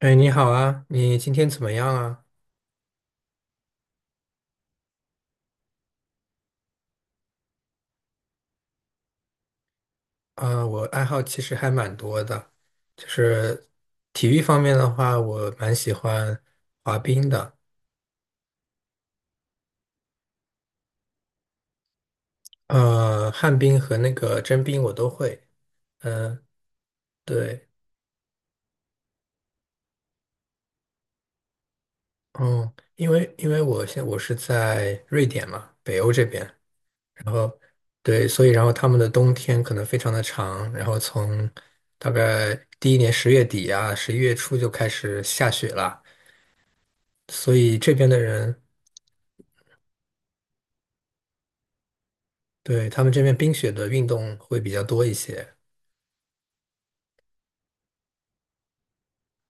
哎，你好啊，你今天怎么样啊？啊，我爱好其实还蛮多的，就是体育方面的话，我蛮喜欢滑冰的。旱冰和那个真冰我都会。嗯、对，嗯，因为我是在瑞典嘛，北欧这边，然后对，所以然后他们的冬天可能非常的长，然后从大概第一年10月底啊，11月初就开始下雪了。所以这边的人对，他们这边冰雪的运动会比较多一些。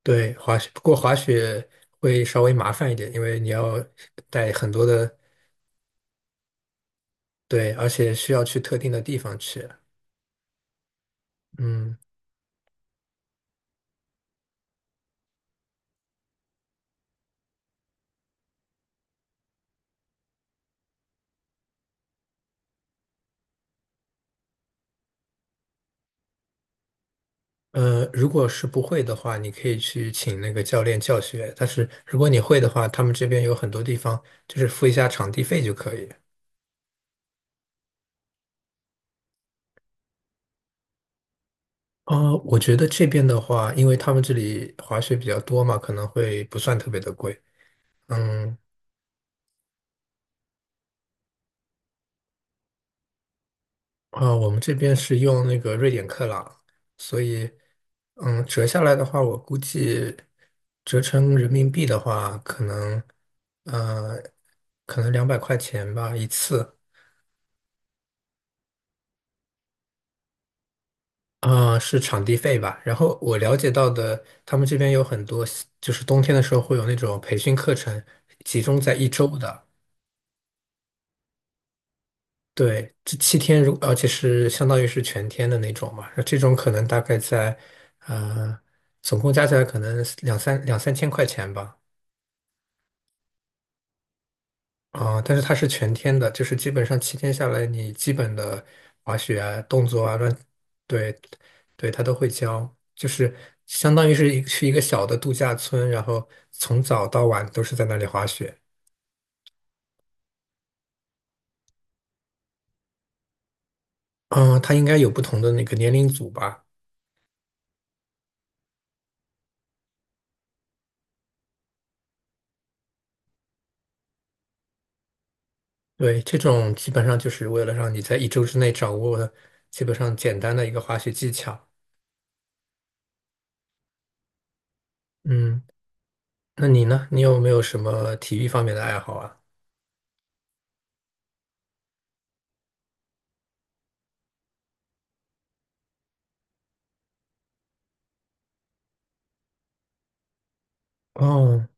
对，滑雪，不过滑雪会稍微麻烦一点，因为你要带很多的，对，而且需要去特定的地方去。嗯，如果是不会的话，你可以去请那个教练教学。但是如果你会的话，他们这边有很多地方就是付一下场地费就可以。我觉得这边的话，因为他们这里滑雪比较多嘛，可能会不算特别的贵。嗯，啊，我们这边是用那个瑞典克朗，所以，嗯，折下来的话，我估计折成人民币的话，呃，可能200块钱吧一次。啊，是场地费吧。然后我了解到的，他们这边有很多，就是冬天的时候会有那种培训课程，集中在一周的。对，这七天，而且是相当于是全天的那种嘛，那这种可能大概在，呃，总共加起来可能两三千块钱吧。啊、但是它是全天的，就是基本上七天下来，你基本的滑雪啊、动作啊、乱，对，对，它都会教，就是相当于是一去一个小的度假村，然后从早到晚都是在那里滑雪。嗯、它应该有不同的那个年龄组吧。对，这种基本上就是为了让你在一周之内掌握基本上简单的一个滑雪技巧。嗯，那你呢？你有没有什么体育方面的爱好啊？哦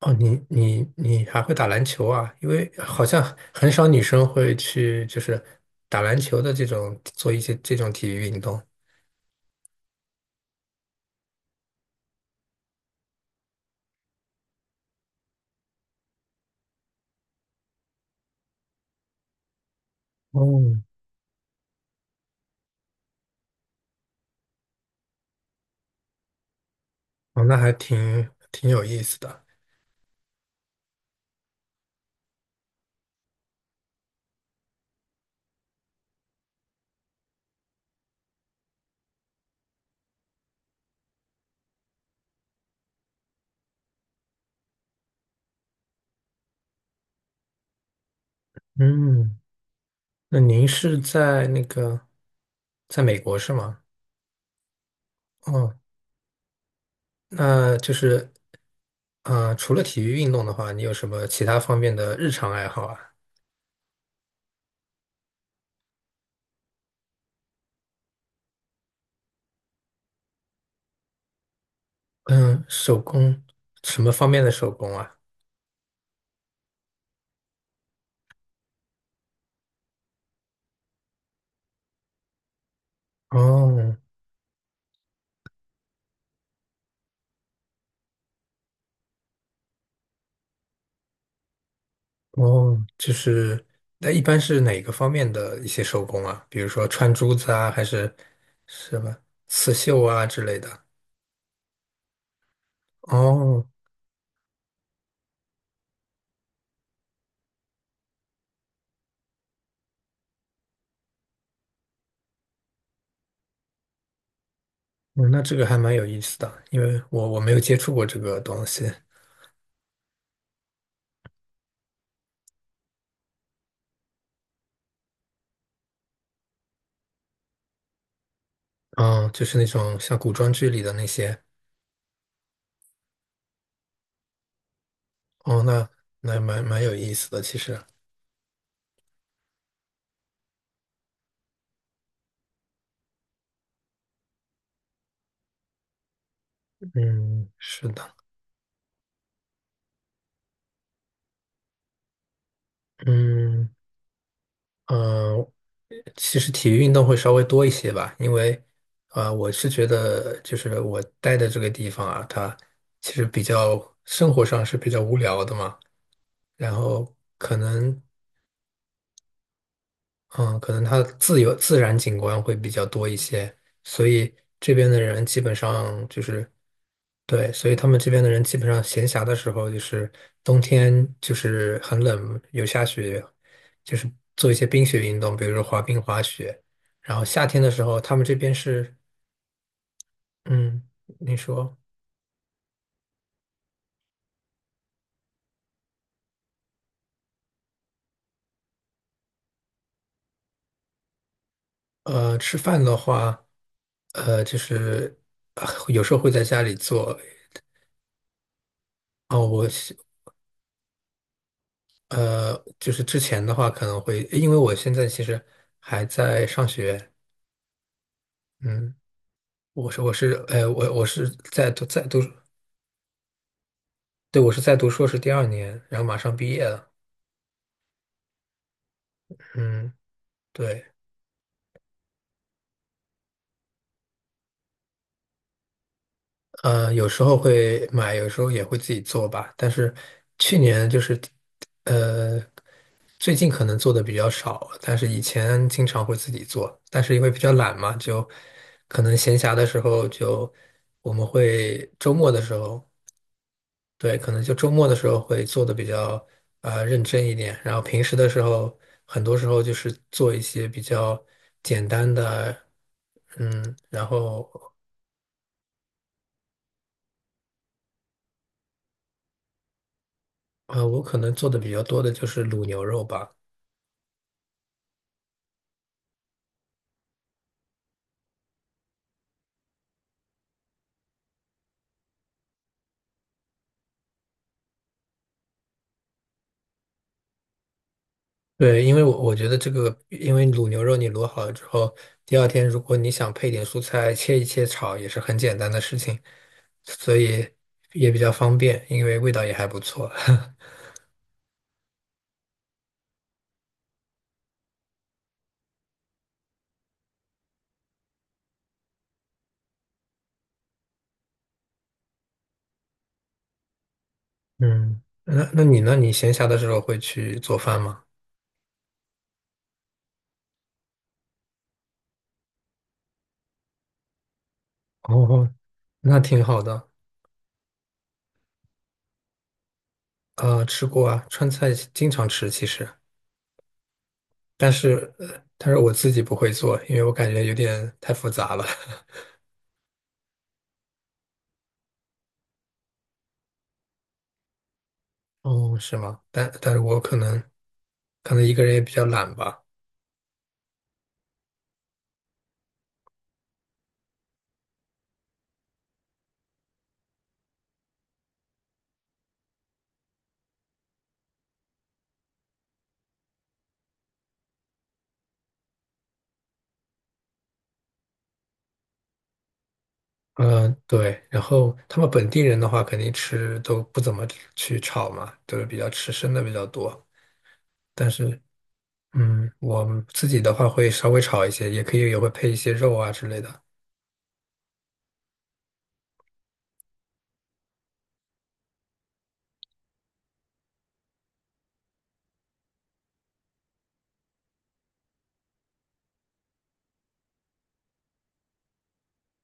哦，你还会打篮球啊？因为好像很少女生会去就是打篮球的这种做一些这种体育运动。哦，哦，那还挺有意思的。嗯，那您是在那个在美国是吗？哦，那就是。嗯，除了体育运动的话，你有什么其他方面的日常爱好啊？嗯，手工，什么方面的手工啊？哦哦，就是，那一般是哪个方面的一些手工啊？比如说穿珠子啊，还是什么刺绣啊之类的？哦，嗯，那这个还蛮有意思的，因为我没有接触过这个东西。嗯，就是那种像古装剧里的那些。哦，那蛮有意思的，其实。嗯，是的。嗯。嗯，其实体育运动会稍微多一些吧，因为我是觉得就是我待的这个地方啊，它其实比较生活上是比较无聊的嘛，然后可能它的自由自然景观会比较多一些，所以这边的人基本上就是。对，所以他们这边的人基本上闲暇的时候，就是冬天就是很冷，有下雪，就是做一些冰雪运动，比如说滑冰、滑雪。然后夏天的时候，他们这边是，嗯，你说，吃饭的话，就是有时候会在家里做。哦，我是呃，就是之前的话可能会，因为我现在其实还在上学。嗯，我是我是呃我我是在读在读对，我是在读硕士第二年，然后马上毕业了。嗯，对，有时候会买，有时候也会自己做吧。但是去年就是，呃，最近可能做的比较少，但是以前经常会自己做。但是因为比较懒嘛，就可能闲暇的时候就我们会周末的时候。对，可能就周末的时候会做的比较认真一点，然后平时的时候，很多时候就是做一些比较简单的。嗯，然后我可能做的比较多的就是卤牛肉吧。对，因为我觉得这个，因为卤牛肉你卤好了之后，第二天如果你想配点蔬菜，切一切炒也是很简单的事情，所以也比较方便，因为味道也还不错。嗯，那你呢？你闲暇的时候会去做饭吗？哦，那挺好的。啊，吃过啊，川菜经常吃其实，但是呃但是我自己不会做，因为我感觉有点太复杂了。哦，是吗？但是我可能一个人也比较懒吧。嗯、对。然后他们本地人的话，肯定吃都不怎么去炒嘛，都是比较吃生的比较多。但是，我们自己的话会稍微炒一些，也可以也会配一些肉啊之类的。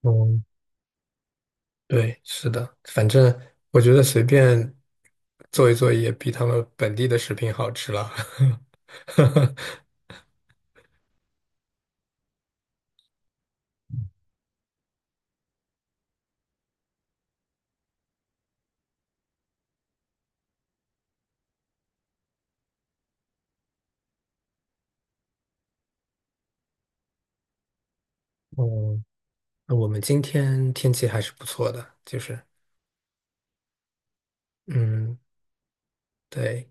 哦对，是的，反正我觉得随便做一做也比他们本地的食品好吃了。嗯，那我们今天天气还是不错的，就是，嗯，对，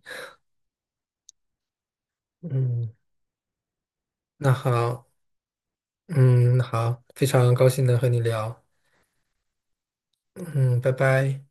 嗯，那好，嗯，好，非常高兴能和你聊，嗯，拜拜。